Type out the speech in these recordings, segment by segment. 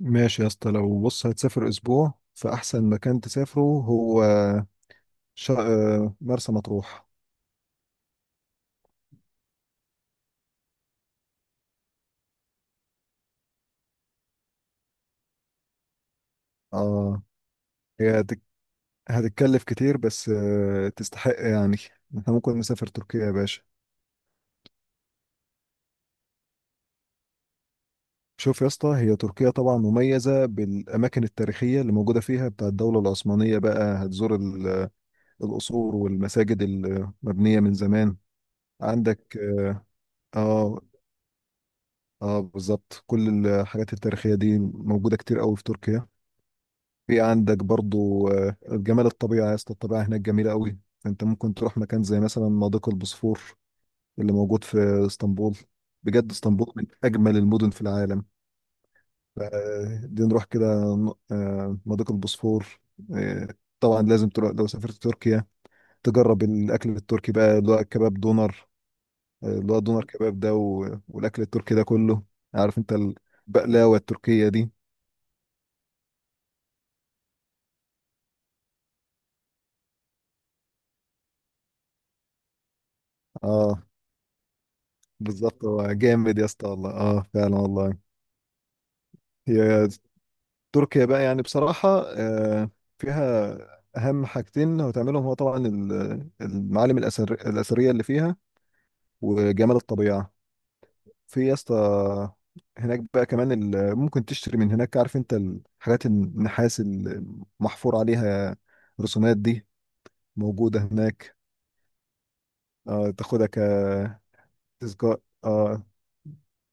ماشي يا اسطى، بص، هتسافر اسبوع فاحسن مكان تسافره هو شا... آه، مرسى مطروح. اه. هي هتك... هتتكلف كتير، بس تستحق يعني. احنا ممكن نسافر تركيا يا باشا. شوف يا اسطى، هي تركيا طبعا مميزة بالأماكن التاريخية اللي موجودة فيها بتاع الدولة العثمانية. بقى هتزور القصور والمساجد المبنية من زمان. عندك اه. اه، بالظبط، كل الحاجات التاريخية دي موجودة كتير قوي في تركيا. في عندك برضو جمال الطبيعة يا اسطى. الطبيعة هناك جميلة قوي. انت ممكن تروح مكان زي مثلا مضيق البوسفور اللي موجود في اسطنبول. بجد اسطنبول من أجمل المدن في العالم. ف- دي نروح كده، مضيق البوسفور. آه، طبعا لازم تروح، لو سافرت تركيا تجرب الأكل التركي بقى اللي هو كباب دونر. اللي هو دونر كباب ده، والأكل التركي ده كله، عارف انت، البقلاوة التركية دي. اه بالظبط، هو جامد يا اسطى والله. اه فعلا والله. هي تركيا بقى يعني بصراحة آه، فيها أهم حاجتين هتعملهم، هو طبعا المعالم الأثرية اللي فيها وجمال الطبيعة في يا اسطى. هناك بقى كمان ممكن تشتري من هناك، عارف انت، الحاجات النحاس المحفور عليها رسومات دي، موجودة هناك. تاخدها كتذكار.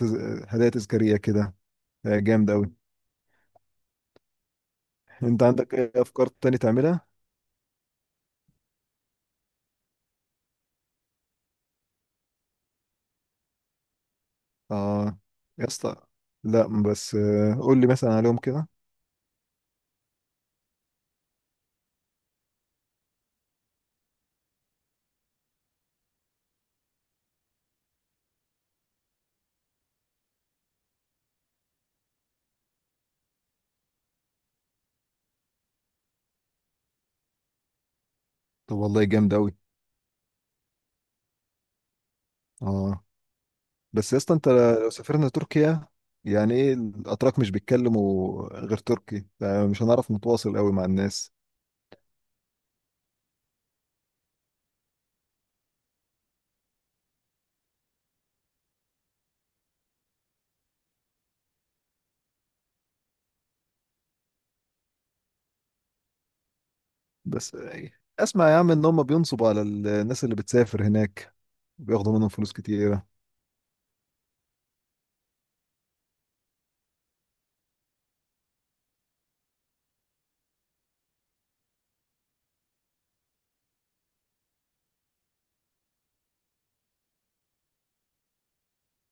تز- هدايا تذكارية كده. جامد أوي. انت عندك ايه أفكار تاني تعملها؟ اه يا اسطى. لا، بس قول لي مثلا عليهم كده. طب والله جامد قوي. اه، بس يا اسطى، انت لو سافرنا تركيا، يعني ايه الاتراك مش بيتكلموا غير تركي، فمش هنعرف نتواصل قوي مع الناس. بس اسمع يا عم، ان هم بينصبوا على الناس اللي بتسافر هناك، بياخدوا منهم فلوس كتيرة.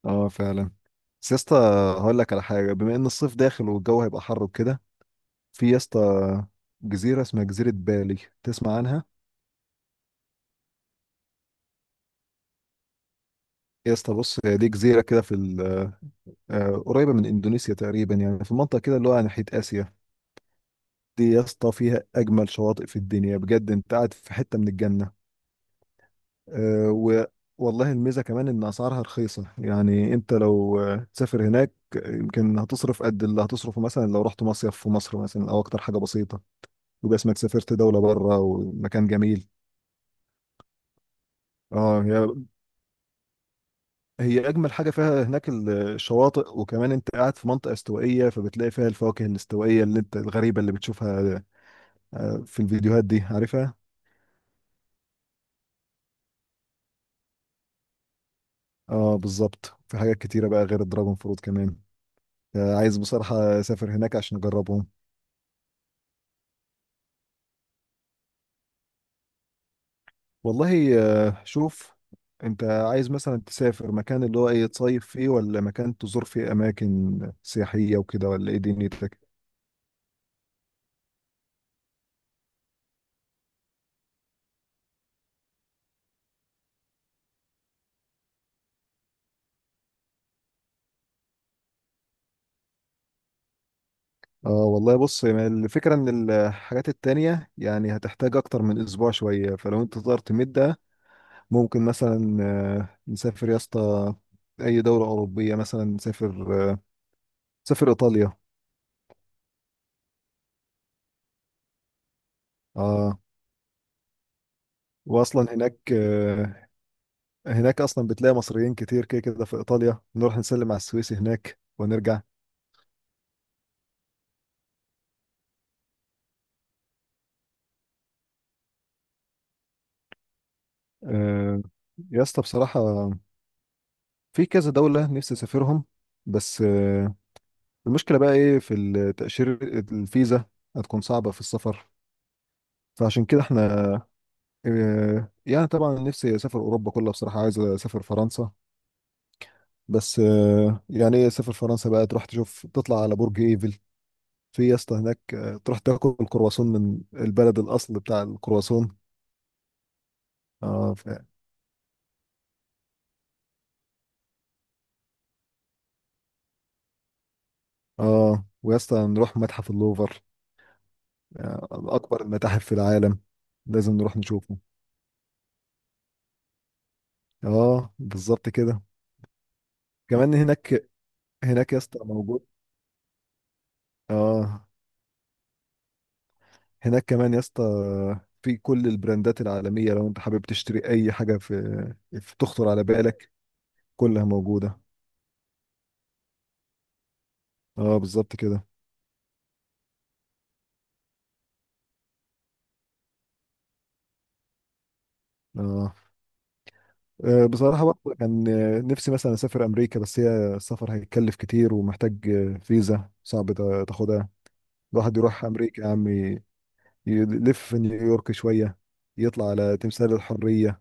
اه فعلا. بس يا اسطى، هقول لك على حاجة، بما ان الصيف داخل والجو هيبقى حر وكده، في يا اسطى جزيرة اسمها جزيرة بالي. تسمع عنها؟ يا اسطى بص، هي دي جزيرة كده في ال- آه، قريبة من إندونيسيا تقريبا يعني، في منطقة كده اللي هو على ناحية آسيا. دي يا اسطى فيها أجمل شواطئ في الدنيا، بجد أنت قاعد في حتة من الجنة. آه، و والله الميزة كمان إن أسعارها رخيصة. يعني أنت لو تسافر هناك، يمكن هتصرف قد اللي هتصرفه مثلا لو رحت مصيف في مصر، مثلا، أو أكتر حاجة بسيطة، يبقى اسمك سافرت دولة بره ومكان جميل. اه. هي اجمل حاجه فيها هناك الشواطئ، وكمان انت قاعد في منطقه استوائيه، فبتلاقي فيها الفواكه الاستوائيه اللي انت الغريبه اللي بتشوفها في الفيديوهات دي، عارفها. اه بالظبط، في حاجات كتيره بقى غير الدراجون فروت كمان. عايز بصراحه اسافر هناك عشان اجربهم. والله شوف، انت عايز مثلا تسافر مكان اللي هو ايه، تصيف فيه، ولا مكان تزور فيه اماكن سياحيه وكده، ولا ايه دنيتك؟ اه والله، بص يعني الفكرة ان الحاجات التانية يعني هتحتاج اكتر من اسبوع شوية، فلو انت تقدر تمدها، ممكن مثلا نسافر يا اسطى اي دولة اوروبية، مثلا نسافر ايطاليا. اه، واصلا هناك اصلا بتلاقي مصريين كتير كده كده في ايطاليا، نروح نسلم على السويسي هناك ونرجع. آه، يا اسطى بصراحة، في كذا دولة نفسي اسافرهم. بس المشكلة بقى ايه في التأشيرة، الفيزا هتكون صعبة في السفر. فعشان كده احنا اه، يعني طبعا نفسي اسافر اوروبا كلها. بصراحه عايز اسافر فرنسا. بس يعني ايه، اسافر فرنسا بقى تروح تشوف، تطلع على برج ايفل. في يا اسطى هناك تروح تاكل الكرواسون من البلد الاصل بتاع الكرواسون. اه اه، ويا اسطى نروح متحف اللوفر، اه، اكبر المتاحف في العالم، لازم نروح نشوفه. اه بالظبط كده، كمان هناك. يا اسطى موجود. اه، هناك كمان يا اسطى في كل البراندات العالمية، لو انت حابب تشتري اي حاجة في تخطر على بالك، كلها موجودة. اه بالظبط كده. اه، بصراحة برضه كان نفسي مثلا أسافر أمريكا، بس هي السفر هيتكلف كتير ومحتاج فيزا صعب تاخدها. الواحد يروح أمريكا يا عم، يلف في نيويورك شوية، يطلع على تمثال الحرية.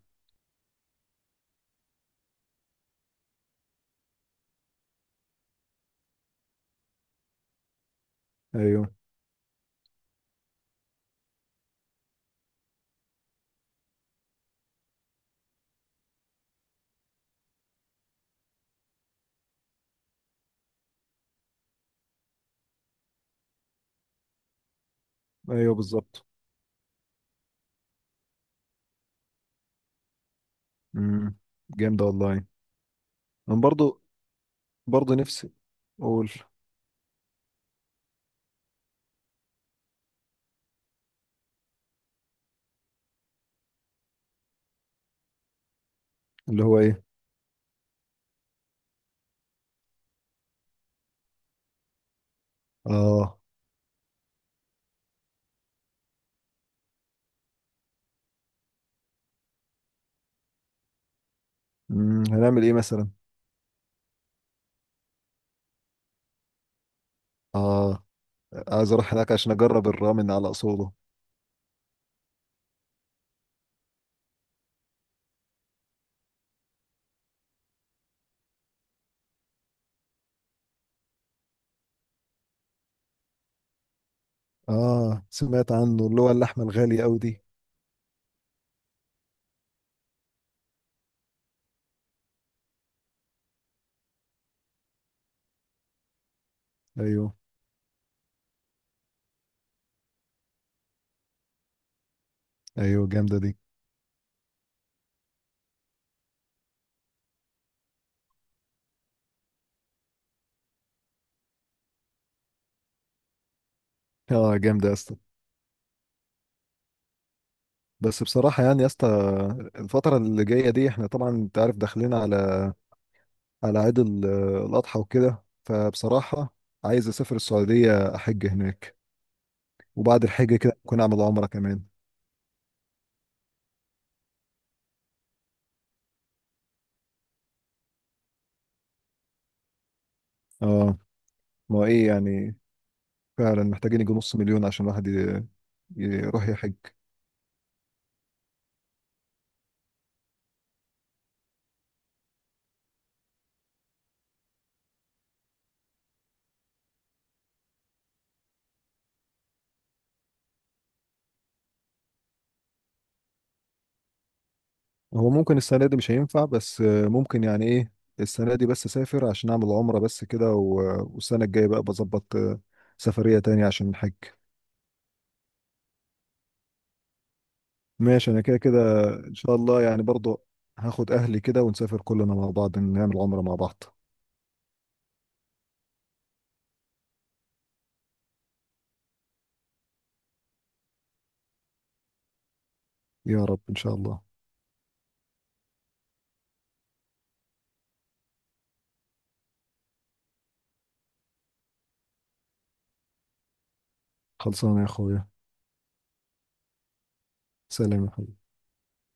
أيوه. أيوه بالظبط. امم جامدة والله. أنا برضه، نفسي أقول، اللي هو إيه؟ آه هنعمل ايه مثلا؟ اه، عايز اروح هناك عشان اجرب الرامن على اصوله. اه سمعت عنه، اللي هو اللحمه الغاليه قوي دي. ايوه، ايوه جامده دي. اه جامده يا اسطى. بس بصراحه يعني يا اسطى، الفتره اللي جايه دي احنا طبعا انت عارف داخلين على عيد الاضحى وكده، فبصراحه عايز اسافر السعوديه احج هناك، وبعد الحج كده ممكن اعمل عمره كمان. اه ما هو ايه يعني، فعلا محتاجين يجي 500,000 عشان الواحد يروح يحج. هو ممكن السنة دي مش هينفع، بس ممكن يعني ايه، السنة دي بس اسافر عشان اعمل عمرة بس كده، والسنة الجاية بقى بظبط سفرية تانية عشان الحج. ماشي، انا كده كده ان شاء الله يعني برضو هاخد اهلي كده، ونسافر كلنا مع بعض نعمل عمرة مع بعض. يا رب ان شاء الله. خلصانة يا اخويا. سلام يا حبيبي.